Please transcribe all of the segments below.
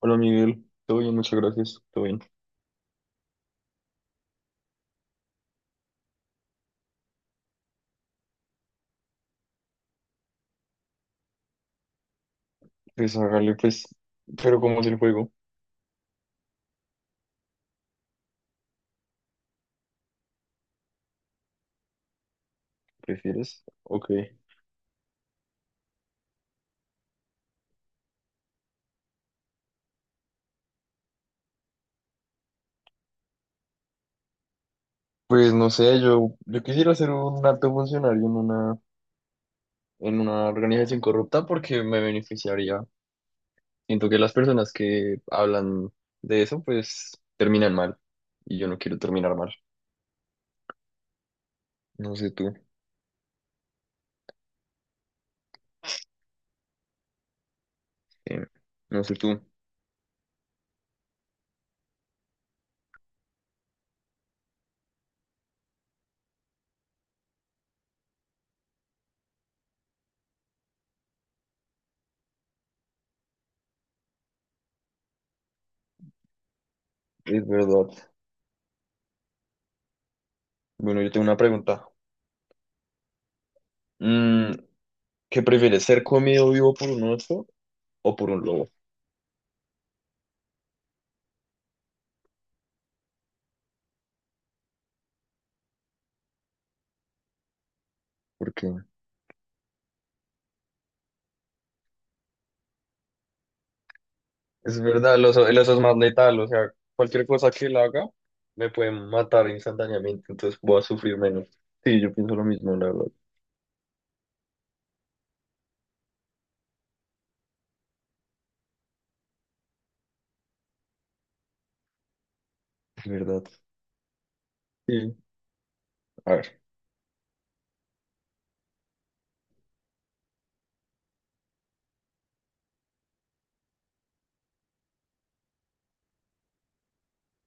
Hola Miguel, todo bien, muchas gracias, todo bien. Pues hágale, pues, pero ¿cómo es el juego? ¿Prefieres? Ok. Pues no sé, yo quisiera ser un alto funcionario en una organización corrupta porque me beneficiaría. Siento que las personas que hablan de eso, pues, terminan mal. Y yo no quiero terminar mal. No sé tú, eh, no sé tú, es verdad. Bueno, yo tengo una pregunta. Mm, ¿Qué prefieres, ser comido vivo por un oso o por un lobo? ¿Por qué? Es verdad, el oso es más letal, o sea, cualquier cosa que él haga me puede matar instantáneamente, entonces voy a sufrir menos. Sí, yo pienso lo mismo, la verdad. Es verdad. Sí, a ver.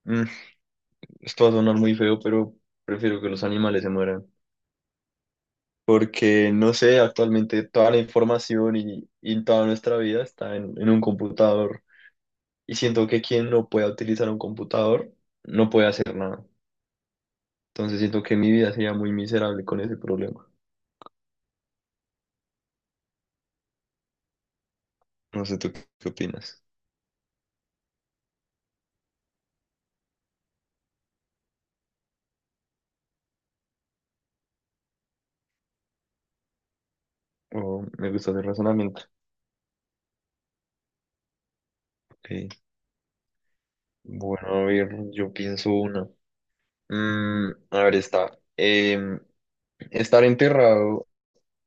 mm, Esto va a sonar muy feo, pero prefiero que los animales se mueran. Porque, no sé, actualmente toda la información y toda nuestra vida está en un computador. Y siento que quien no pueda utilizar un computador no puede hacer nada. Entonces siento que mi vida sería muy miserable con ese problema. No sé, ¿tú qué opinas? Oh, me gusta ese razonamiento. Ok. Bueno, a ver, yo pienso una. A ver, estar enterrado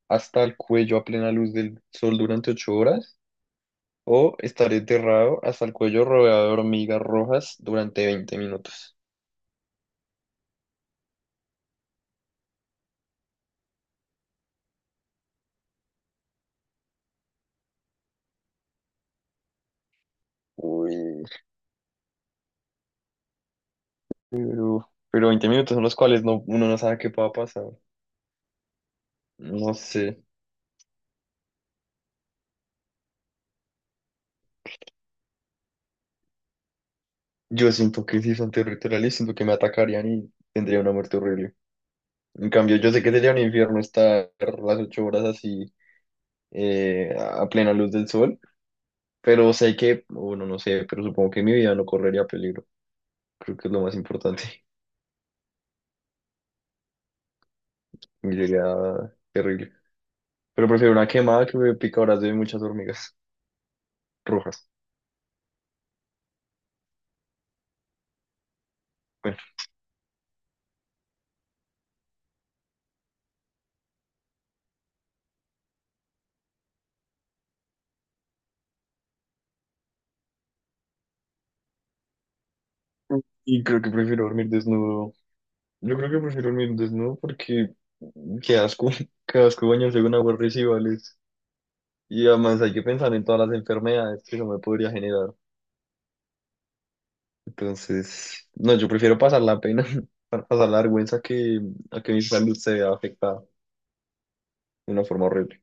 hasta el cuello a plena luz del sol durante 8 horas o estar enterrado hasta el cuello rodeado de hormigas rojas durante 20 minutos. Uy, pero 20 minutos en los cuales no, uno no sabe qué pueda pasar. No sé. Yo siento que si son territoriales, siento que me atacarían y tendría una muerte horrible. En cambio, yo sé que sería un infierno estar las 8 horas así, a plena luz del sol, pero sé que, bueno, no sé, pero supongo que mi vida no correría peligro. Creo que es lo más importante. Y sería terrible. Pero prefiero una quemada que me picadoras de muchas hormigas rojas. Bueno, y creo que prefiero dormir desnudo. Yo creo que prefiero dormir desnudo porque qué asco, qué asco bañarse con aguas residuales. Y además hay que pensar en todas las enfermedades que eso me podría generar. Entonces, no, yo prefiero pasar la pena, pasar la vergüenza que a que mi salud se vea afectada de una forma horrible.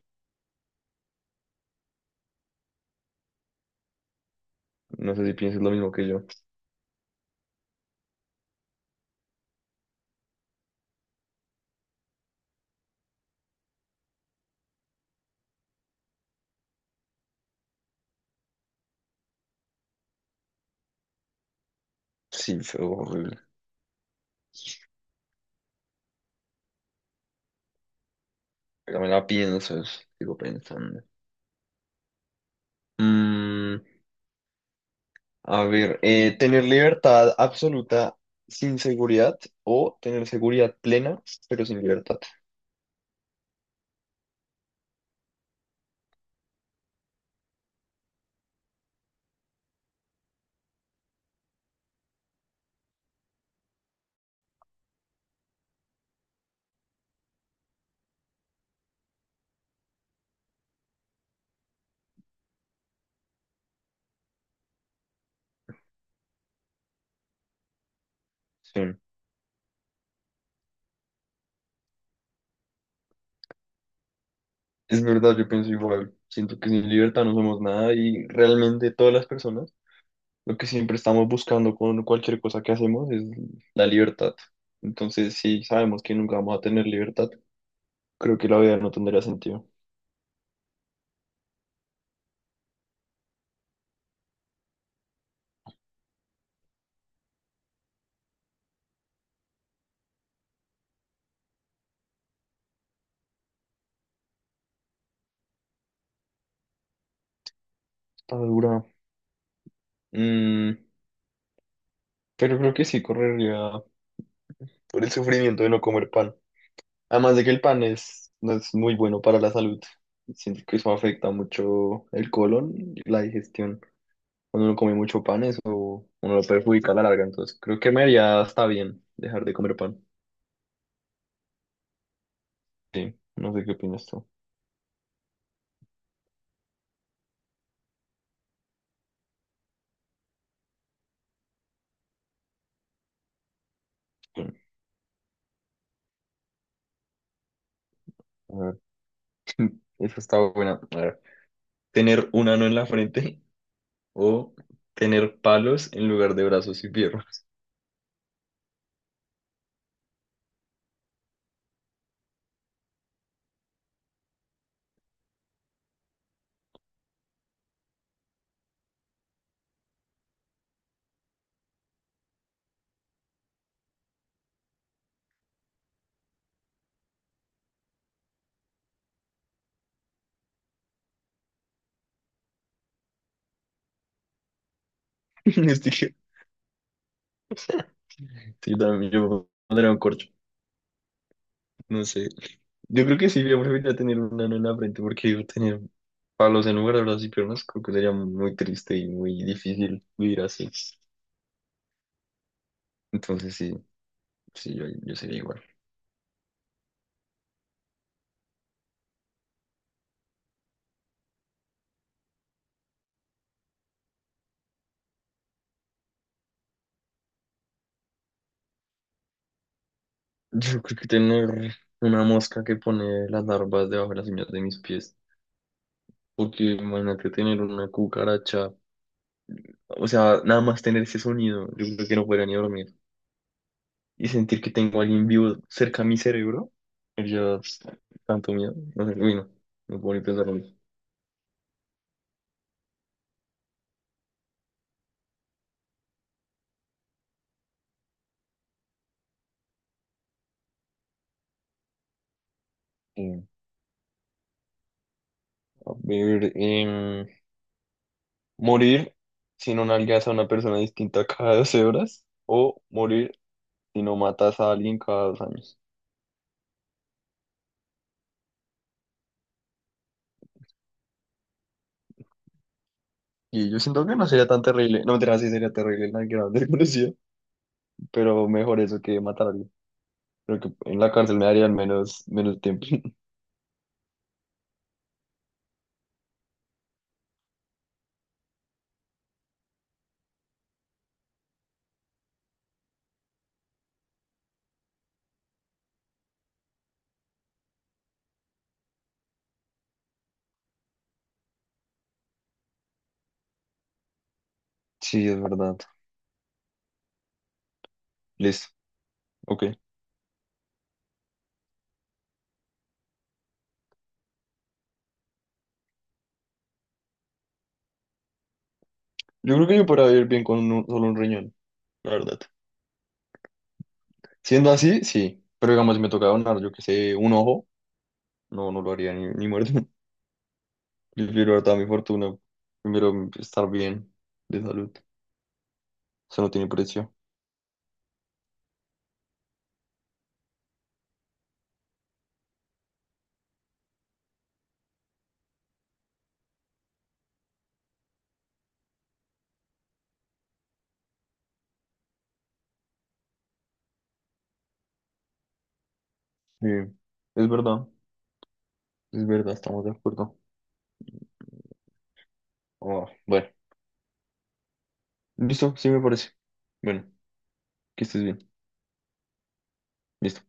No sé si piensas lo mismo que yo. Sí, fue horrible. Ya me la pienso, sigo pensando. Mm, a ver, tener libertad absoluta sin seguridad o tener seguridad plena pero sin libertad. Sí, es verdad, yo pienso igual. Siento que sin libertad no somos nada y realmente todas las personas. Lo que siempre estamos buscando con cualquier cosa que hacemos es la libertad. Entonces, si sabemos que nunca vamos a tener libertad, creo que la vida no tendría sentido. Está dura. Mm, pero creo que sí correría por el sufrimiento de no comer pan. Además de que el pan es, no es muy bueno para la salud. Siento que eso afecta mucho el colon y la digestión. Cuando uno come mucho pan, eso uno lo perjudica a la larga. Entonces, creo que me haría hasta bien dejar de comer pan. Sí, no sé qué opinas tú. Eso está buena. A ver, tener un ano en la frente o tener palos en lugar de brazos y piernas. Este que- Sí, también yo pondría un corcho. No sé. Yo creo que sí, yo preferiría tener un ano en la frente porque yo tener palos en lugar de brazos y piernas creo que sería muy triste y muy difícil vivir así. Entonces sí, sí, yo sería igual. Yo creo que tener una mosca que pone las larvas debajo de las uñas de mis pies. Porque imagínate tener una cucaracha. O sea, nada más tener ese sonido, yo creo que no podría ni dormir. Y sentir que tengo a alguien vivo cerca a mi cerebro, yo tanto miedo. No sé, uy, no, no puedo ni pensarlo. Eh, a ver, morir si no nalgas a una persona distinta cada 12 horas o morir si no matas a alguien cada 2 años. Y yo siento que no sería tan terrible, no mentira, sí sería terrible nalgar a un desconocido, pero mejor eso que matar a alguien. Creo que en la cárcel me darían menos tiempo. Sí, es verdad. Listo. Ok. Yo creo que yo podría vivir bien con solo un riñón, la verdad. Siendo así, sí. Pero digamos, si me toca donar, yo que sé, un ojo, no, no lo haría ni muerto. Prefiero dar toda mi fortuna. Primero estar bien de salud. Eso no tiene precio. Sí, es verdad. Es verdad, estamos de acuerdo. Ah, bueno, listo, sí me parece. Bueno, que estés bien. Listo.